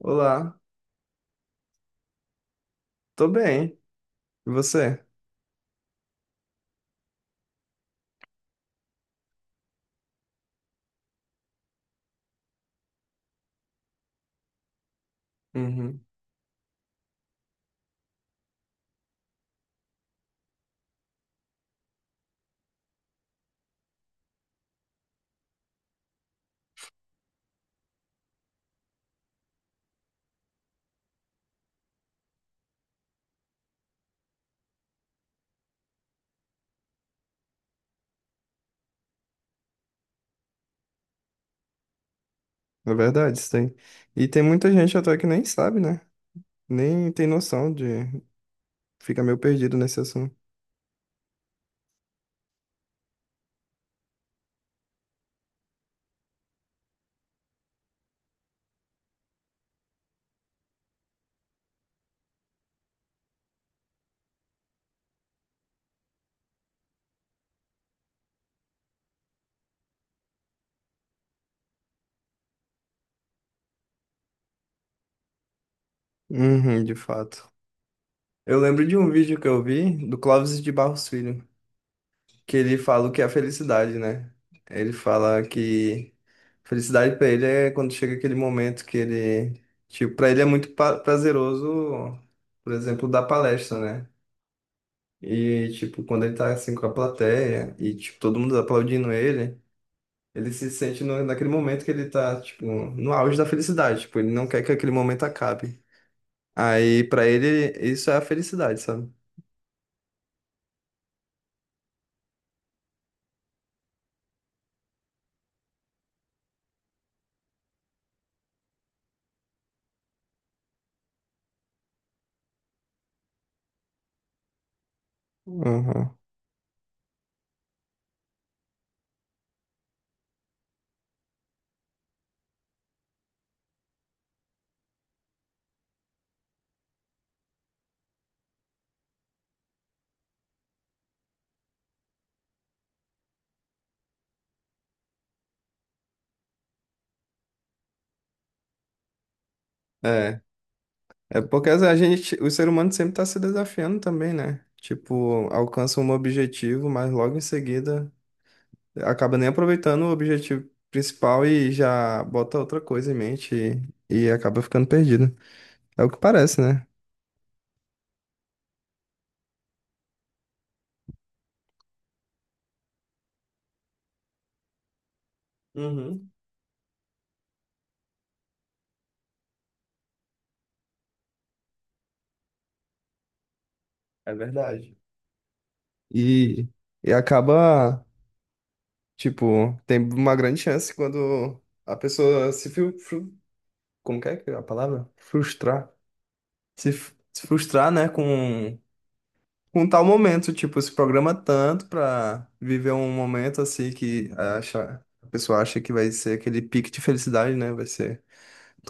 Olá, tô bem. E você? Uhum. É verdade, isso tem. E tem muita gente até que nem sabe, né? Nem tem noção de. Fica meio perdido nesse assunto. Uhum, de fato. Eu lembro de um vídeo que eu vi do Clóvis de Barros Filho, que ele fala o que é a felicidade, né? Ele fala que felicidade pra ele é quando chega aquele momento que ele. Tipo, pra ele é muito prazeroso, por exemplo, dar palestra, né? E, tipo, quando ele tá assim com a plateia e, tipo, todo mundo aplaudindo ele, ele se sente no, naquele momento que ele tá, tipo, no auge da felicidade. Tipo, ele não quer que aquele momento acabe. Aí, pra ele, isso é a felicidade, sabe? Uhum. É. É porque o ser humano sempre tá se desafiando também, né? Tipo, alcança um objetivo, mas logo em seguida acaba nem aproveitando o objetivo principal e já bota outra coisa em mente e acaba ficando perdido. É o que parece, né? Uhum, é verdade. E, e acaba, tipo, tem uma grande chance quando a pessoa se fru, fru- como que é a palavra? Frustrar. Se frustrar, né, com tal momento, tipo, se programa tanto pra viver um momento assim que acha, a pessoa acha que vai ser aquele pique de felicidade, né? Vai ser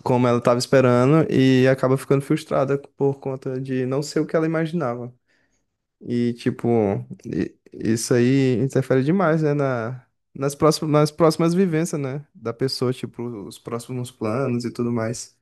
como ela estava esperando e acaba ficando frustrada por conta de não ser o que ela imaginava. E, tipo, isso aí interfere demais, né, na, nas próximas vivências, né, da pessoa, tipo, os próximos planos e tudo mais.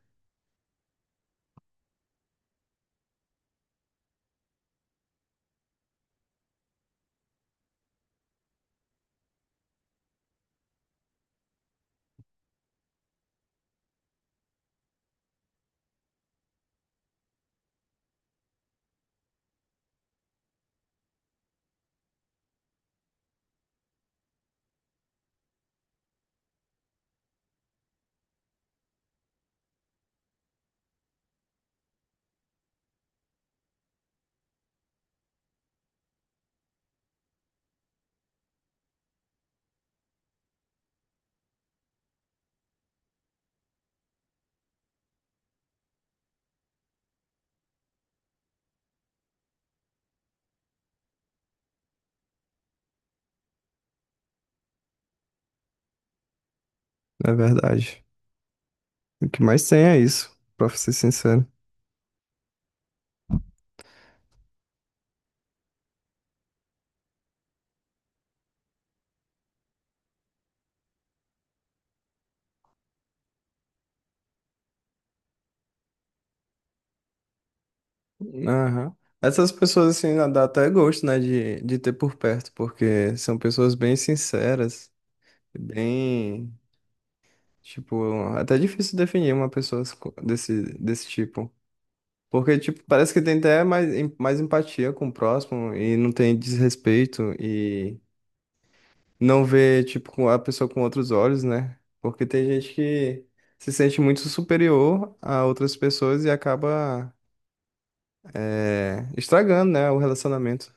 É verdade. O que mais tem é isso, pra ser sincero. Aham. Essas pessoas, assim, dá até gosto, né, de ter por perto, porque são pessoas bem sinceras, bem. Tipo, é até difícil definir uma pessoa desse tipo. Porque, tipo, parece que tem até mais, mais empatia com o próximo e não tem desrespeito e não vê, tipo, com a pessoa com outros olhos, né? Porque tem gente que se sente muito superior a outras pessoas e acaba, estragando, né, o relacionamento.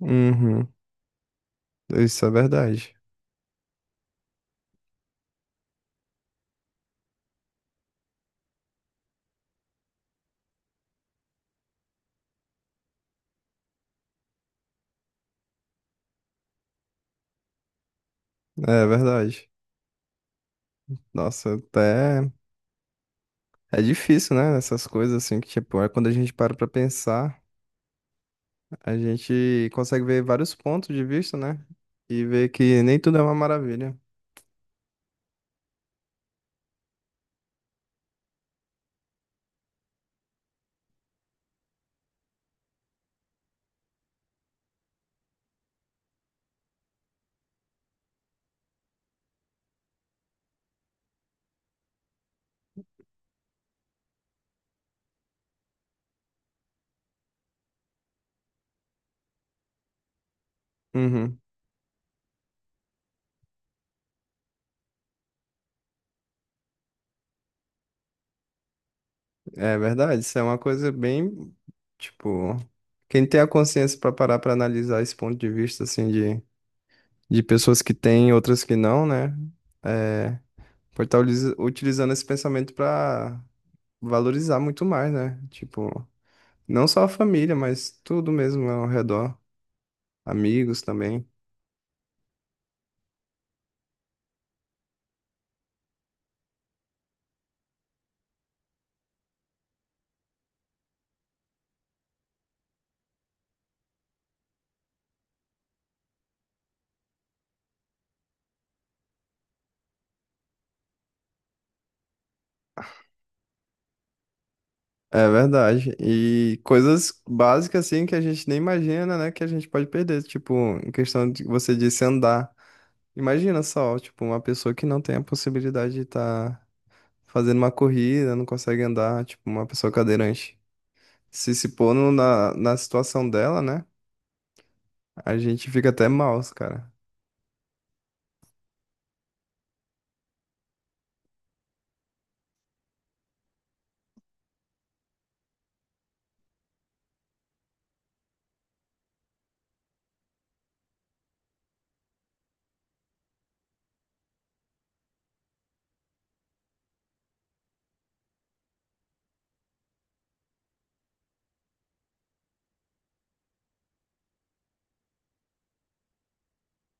Uhum, isso é verdade. É verdade. Nossa, até é difícil, né? Essas coisas assim que, tipo, é quando a gente para pra pensar. A gente consegue ver vários pontos de vista, né? E ver que nem tudo é uma maravilha. Uhum. É verdade, isso é uma coisa bem, tipo, quem tem a consciência para parar para analisar esse ponto de vista, assim, de pessoas que têm, outras que não, né? É, pode estar utilizando esse pensamento para valorizar muito mais, né? Tipo, não só a família, mas tudo mesmo ao redor, amigos também. É verdade. E coisas básicas assim que a gente nem imagina, né, que a gente pode perder, tipo, em questão de você disse andar. Imagina só, tipo, uma pessoa que não tem a possibilidade de estar fazendo uma corrida, não consegue andar, tipo, uma pessoa cadeirante. Se se pôr no- na, na situação dela, né, a gente fica até mal, cara.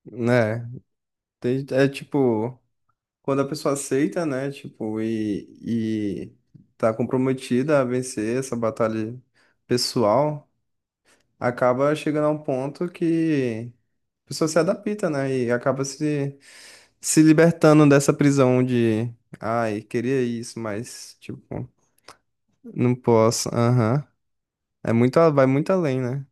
Né? É tipo, quando a pessoa aceita, né, tipo, e tá comprometida a vencer essa batalha pessoal, acaba chegando a um ponto que a pessoa se adapta, né? E acaba se libertando dessa prisão de, ai, queria isso, mas, tipo, não posso. Aham. É muito, vai muito além, né?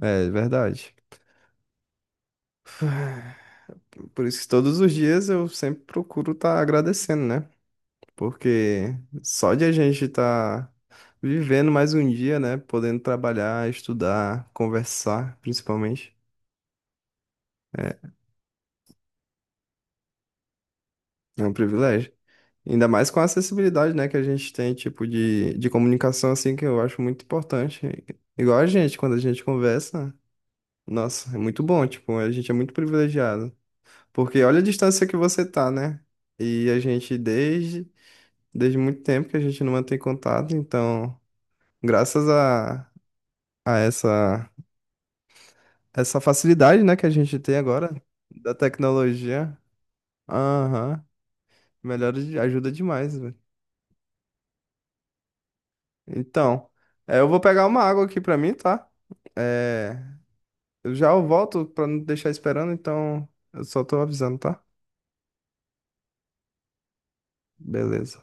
É verdade. Por isso que todos os dias eu sempre procuro estar agradecendo, né? Porque só de a gente estar vivendo mais um dia, né? Podendo trabalhar, estudar, conversar, principalmente, é um privilégio. Ainda mais com a acessibilidade, né, que a gente tem, tipo, de comunicação, assim, que eu acho muito importante. Igual a gente, quando a gente conversa, nossa, é muito bom, tipo, a gente é muito privilegiado. Porque olha a distância que você tá, né? E a gente, desde, desde muito tempo que a gente não mantém contato, então, graças a essa, essa facilidade, né, que a gente tem agora, da tecnologia, aham, melhora, ajuda demais. Então, é, eu vou pegar uma água aqui pra mim, tá? É, eu volto pra não deixar esperando, então eu só tô avisando, tá? Beleza.